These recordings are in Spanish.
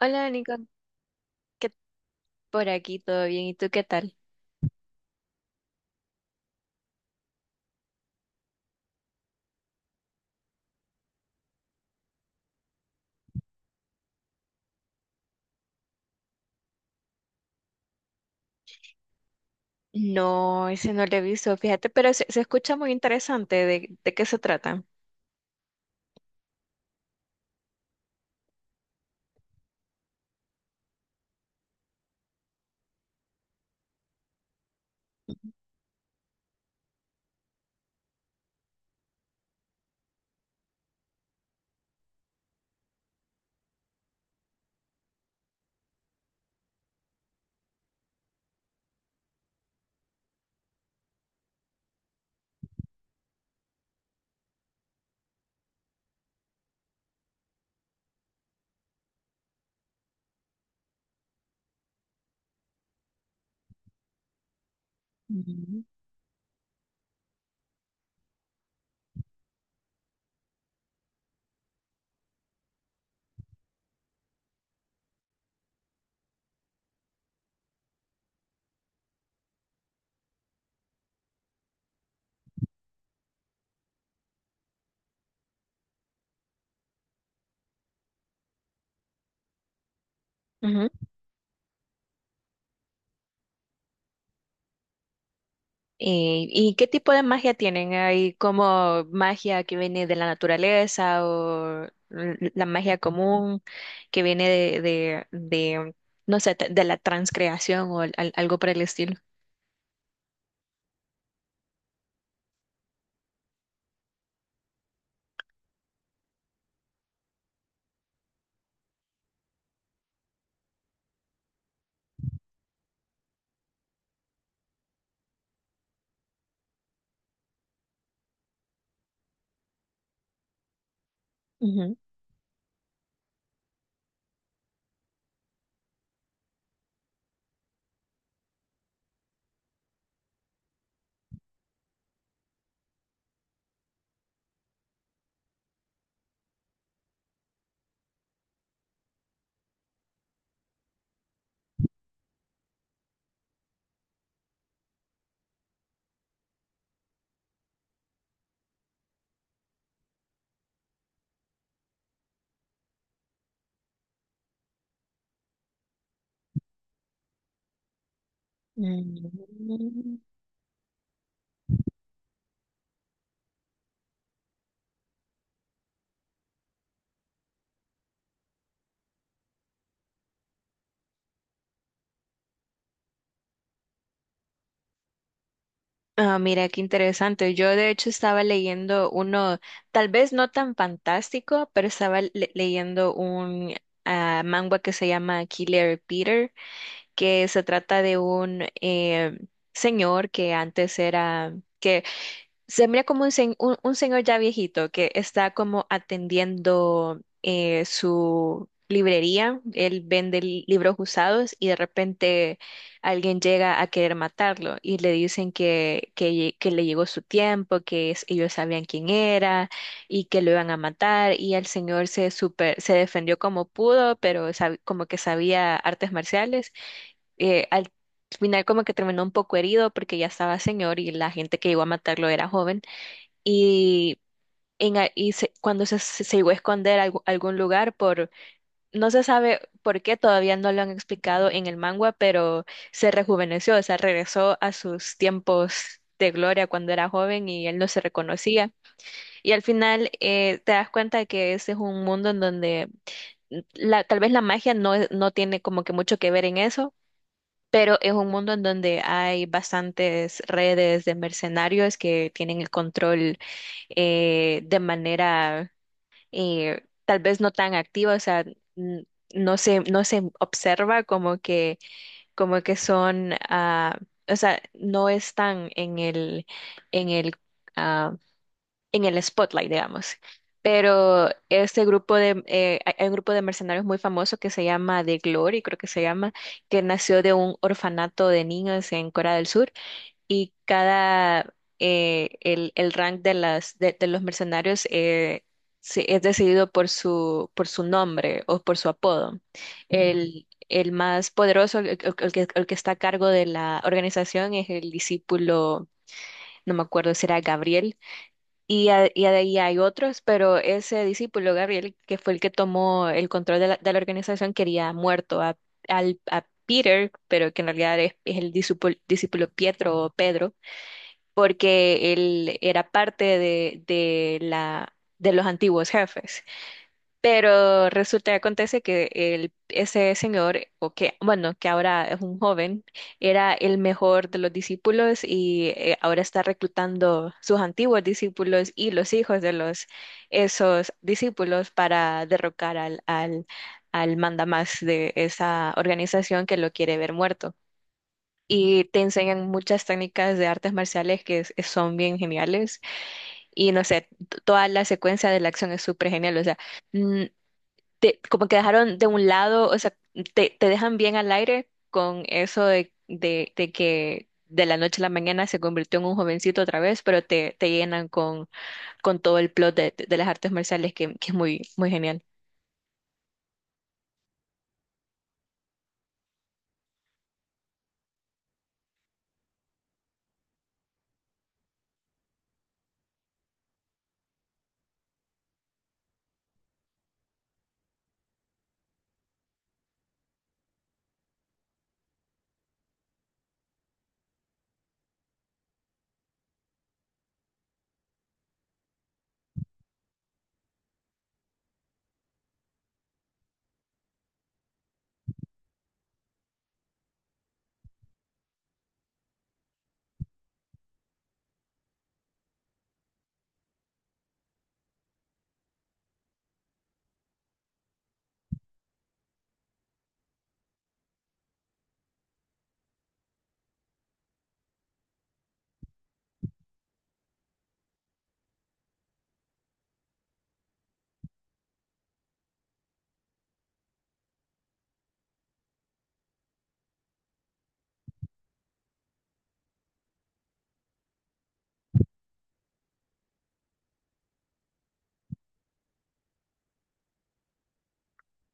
Hola, Nico, ¿qué por aquí? ¿Todo bien? ¿Y tú qué tal? No, ese no lo he visto, fíjate, pero se escucha muy interesante. ¿De qué se trata? Ujú. Ujú. ¿Y qué tipo de magia tienen? ¿Hay como magia que viene de la naturaleza o la magia común que viene de, no sé, de la transcreación o algo por el estilo? Ujú. Mm. Ah, mira, qué interesante. Yo de hecho estaba leyendo uno, tal vez no tan fantástico, pero estaba leyendo un manga que se llama Killer Peter, que se trata de un señor que antes era... Se mira como un señor ya viejito que está como atendiendo su librería. Él vende libros usados y de repente alguien llega a querer matarlo y le dicen que le llegó su tiempo, que ellos sabían quién era y que lo iban a matar. Y el señor super, se defendió como pudo, pero como que sabía artes marciales. Al final como que terminó un poco herido porque ya estaba señor y la gente que llegó a matarlo era joven y, y cuando se llegó a esconder algún lugar por, no se sabe por qué, todavía no lo han explicado en el manga, pero se rejuveneció, o sea, regresó a sus tiempos de gloria cuando era joven y él no se reconocía. Y al final te das cuenta que ese es un mundo en donde tal vez la magia no, no tiene como que mucho que ver en eso, pero es un mundo en donde hay bastantes redes de mercenarios que tienen el control de manera tal vez no tan activa, o sea, n- no se observa como que, son, o sea, no están en el ah, en el spotlight, digamos. Pero este grupo de, hay un grupo de mercenarios muy famoso que se llama The Glory, creo que se llama, que nació de un orfanato de niños en Corea del Sur y cada, el rank de de los mercenarios es decidido por por su nombre o por su apodo. El más poderoso, el que está a cargo de la organización es el discípulo, no me acuerdo si era Gabriel, y ahí hay otros, pero ese discípulo, Gabriel, que fue el que tomó el control de la organización, quería muerto a Peter, pero que en realidad es el discípulo, discípulo Pietro o Pedro, porque él era parte de los antiguos jefes. Pero resulta y acontece que ese señor, o que, bueno, que ahora es un joven, era el mejor de los discípulos y ahora está reclutando sus antiguos discípulos y los hijos de esos discípulos para derrocar al mandamás de esa organización que lo quiere ver muerto. Y te enseñan muchas técnicas de artes marciales que son bien geniales. Y no sé, toda la secuencia de la acción es súper genial. O sea, mm, como que dejaron de un lado, o sea, te dejan bien al aire con eso de que de la noche a la mañana se convirtió en un jovencito otra vez, pero te llenan con todo el plot de las artes marciales que es muy, muy genial.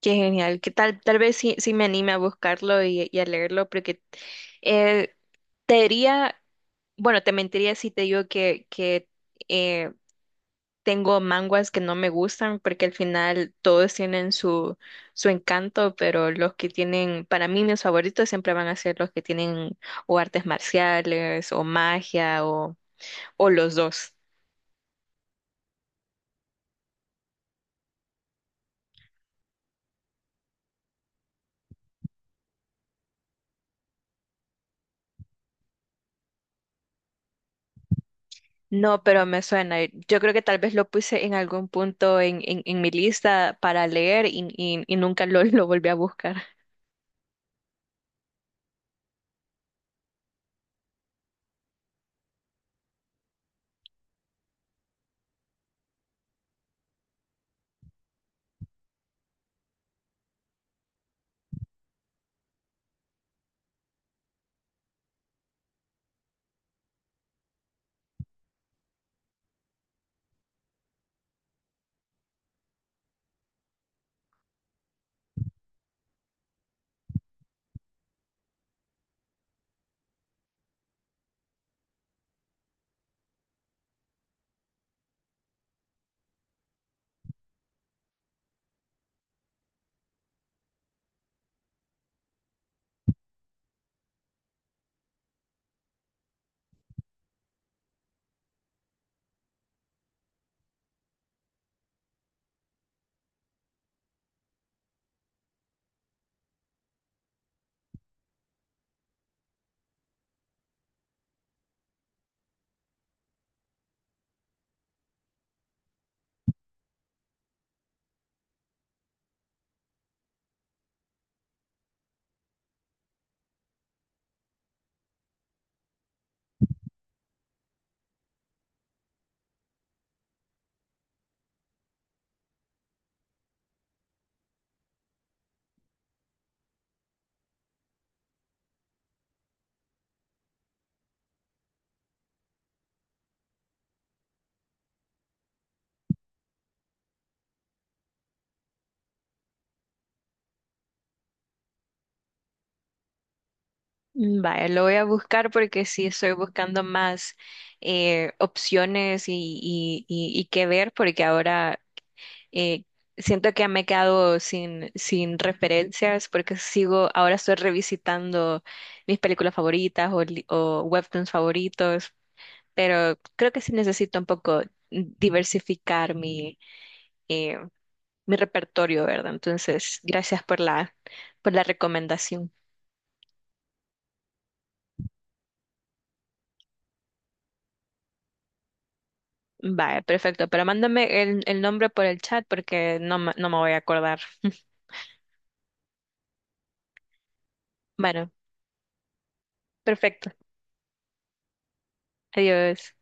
Qué genial, que tal vez sí, sí me anime a buscarlo y a leerlo, porque eh, te diría, bueno, te mentiría si te digo que eh, tengo manguas que no me gustan porque al final todos tienen su encanto, pero los que tienen, para mí mis favoritos siempre van a ser los que tienen o artes marciales o magia o los dos. No, pero me suena. Yo creo que tal vez lo puse en algún punto en mi lista para leer y nunca lo, lo volví a buscar. Vaya, lo voy a buscar porque sí estoy buscando más opciones y qué ver, porque ahora Eh, siento que me he quedado sin referencias porque sigo, ahora estoy revisitando mis películas favoritas o, o webtoons favoritos, pero creo que sí necesito un poco diversificar eh, mi repertorio, ¿verdad? Entonces, gracias por la recomendación. Vale, perfecto, pero mándame el nombre por el chat porque no, no me voy a acordar. Bueno, perfecto. Adiós.